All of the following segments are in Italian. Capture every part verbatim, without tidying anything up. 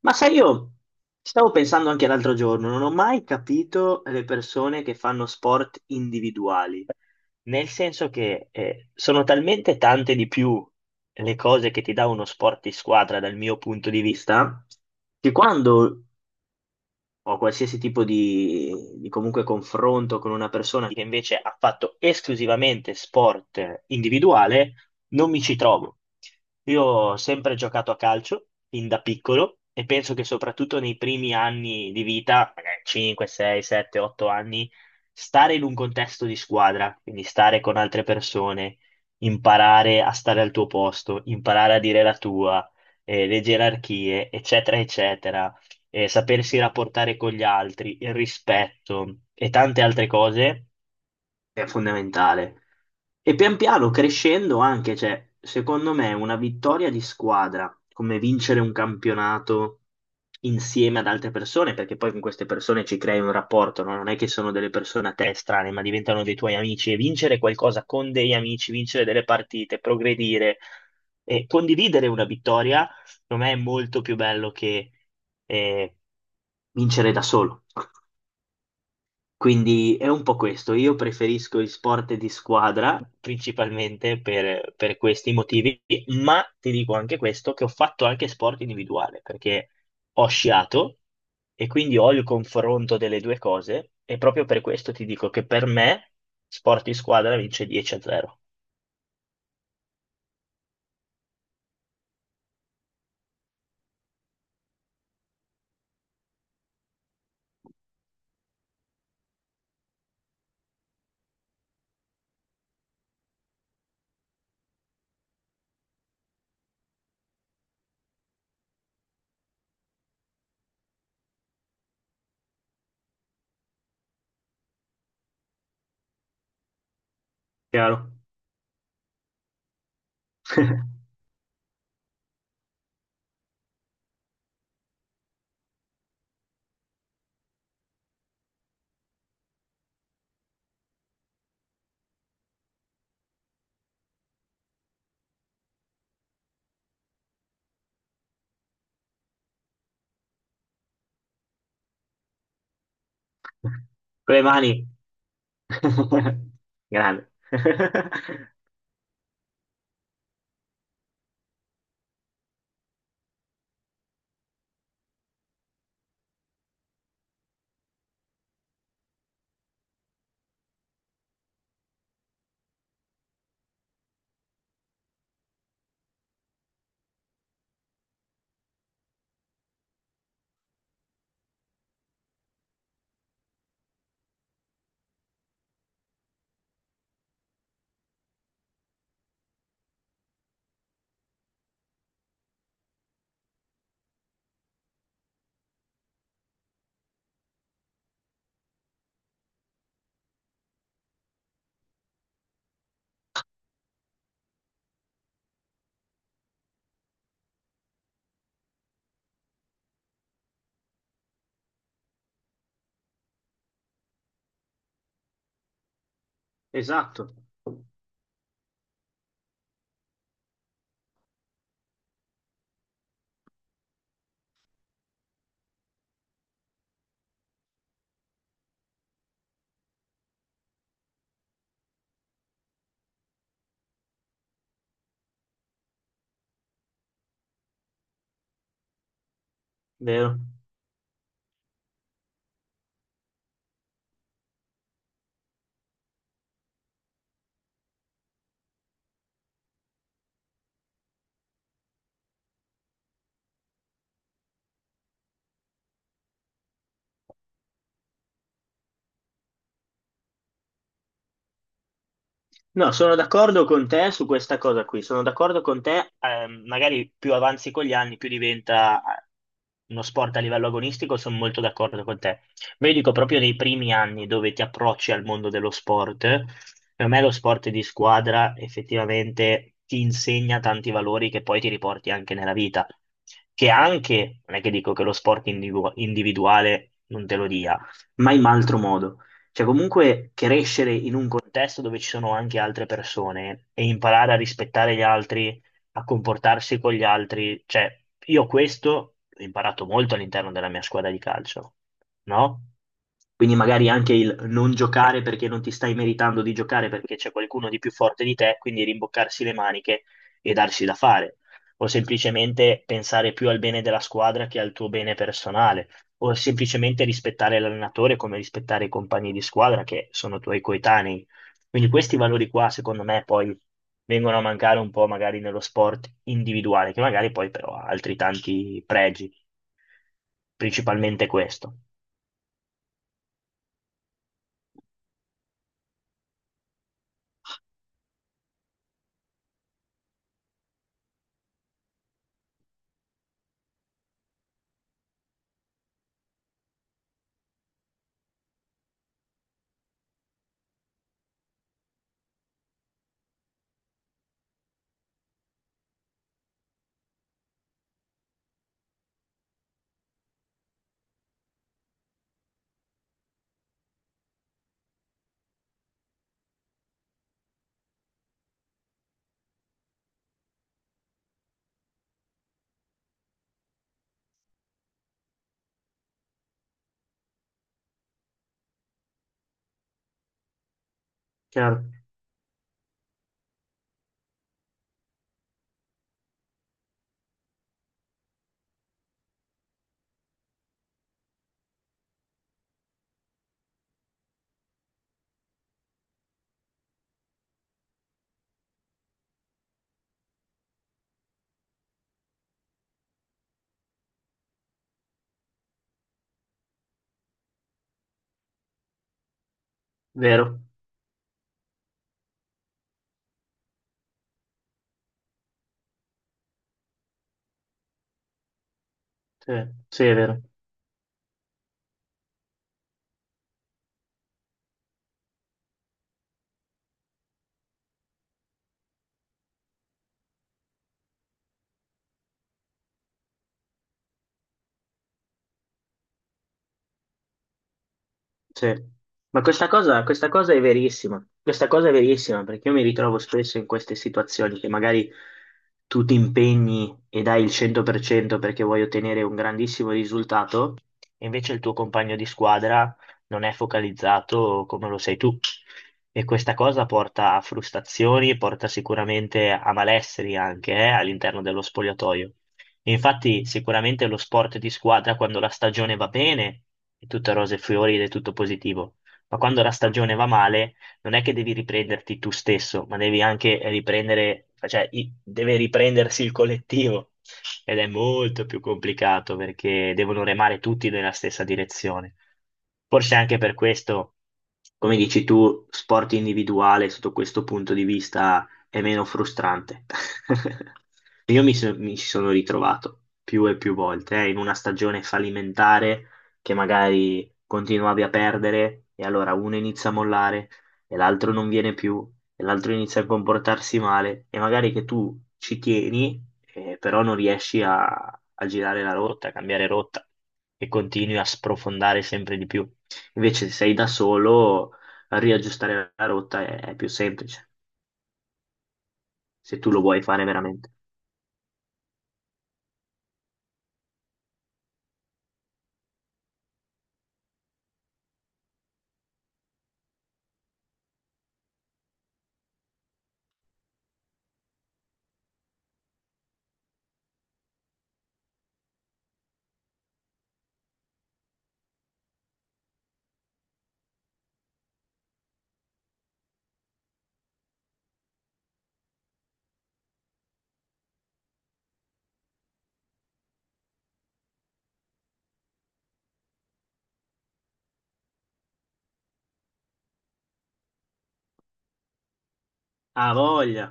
Ma sai, io stavo pensando anche l'altro giorno, non ho mai capito le persone che fanno sport individuali, nel senso che eh, sono talmente tante di più le cose che ti dà uno sport di squadra dal mio punto di vista, che quando ho qualsiasi tipo di, di comunque confronto con una persona che invece ha fatto esclusivamente sport individuale, non mi ci trovo. Io ho sempre giocato a calcio, fin da piccolo, e penso che soprattutto nei primi anni di vita, magari cinque, sei, sette, otto anni, stare in un contesto di squadra, quindi stare con altre persone, imparare a stare al tuo posto, imparare a dire la tua, eh, le gerarchie, eccetera, eccetera, eh, sapersi rapportare con gli altri, il rispetto e tante altre cose è fondamentale. E pian piano crescendo anche, cioè, secondo me una vittoria di squadra, come vincere un campionato insieme ad altre persone, perché poi con queste persone ci crei un rapporto, no? Non è che sono delle persone a te strane, ma diventano dei tuoi amici e vincere qualcosa con degli amici, vincere delle partite, progredire e condividere una vittoria, secondo me è molto più bello che eh, vincere da solo. Quindi è un po' questo, io preferisco gli sport di squadra principalmente per, per questi motivi, ma ti dico anche questo, che ho fatto anche sport individuale, perché ho sciato e quindi ho il confronto delle due cose e proprio per questo ti dico che per me sport di squadra vince dieci a zero. Chiaro? Con le mani. Grande. Esatto, vero. No, sono d'accordo con te su questa cosa qui, sono d'accordo con te, ehm, magari più avanzi con gli anni, più diventa eh, uno sport a livello agonistico, sono molto d'accordo con te. Ma io dico proprio nei primi anni dove ti approcci al mondo dello sport, per me lo sport di squadra effettivamente ti insegna tanti valori che poi ti riporti anche nella vita, che anche, non è che dico che lo sport individu- individuale non te lo dia, ma in altro modo. Cioè, comunque crescere in un contesto dove ci sono anche altre persone e imparare a rispettare gli altri, a comportarsi con gli altri, cioè, io questo l'ho imparato molto all'interno della mia squadra di calcio, no? Quindi magari anche il non giocare perché non ti stai meritando di giocare perché c'è qualcuno di più forte di te, quindi rimboccarsi le maniche e darsi da fare, o semplicemente pensare più al bene della squadra che al tuo bene personale o semplicemente rispettare l'allenatore come rispettare i compagni di squadra che sono tuoi coetanei. Quindi questi valori qua, secondo me, poi vengono a mancare un po' magari nello sport individuale, che magari poi però ha altri tanti pregi, principalmente questo. Chiaro, vero, sì, sì, è vero. Sì, ma questa cosa, questa cosa è verissima, questa cosa è verissima perché io mi ritrovo spesso in queste situazioni che magari tu ti impegni e dai il cento per cento perché vuoi ottenere un grandissimo risultato, e invece il tuo compagno di squadra non è focalizzato come lo sei tu. E questa cosa porta a frustrazioni, porta sicuramente a malesseri anche, eh, all'interno dello spogliatoio. E infatti sicuramente lo sport di squadra quando la stagione va bene è tutto rose e fiori ed è tutto positivo, ma quando la stagione va male non è che devi riprenderti tu stesso, ma devi anche riprendere, cioè i- deve riprendersi il collettivo ed è molto più complicato perché devono remare tutti nella stessa direzione. Forse anche per questo, come dici tu, sport individuale sotto questo punto di vista è meno frustrante. Io mi, so- mi ci sono ritrovato più e più volte, eh, in una stagione fallimentare che magari continuavi a perdere e allora uno inizia a mollare e l'altro non viene più e l'altro inizia a comportarsi male e magari che tu ci tieni, eh, però non riesci a, a girare la rotta, a cambiare rotta e continui a sprofondare sempre di più. Invece se sei da solo, riaggiustare la rotta è è più semplice, se tu lo vuoi fare veramente. Ha voglia,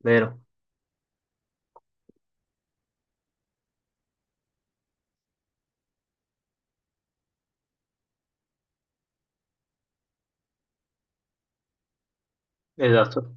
vero? Esatto.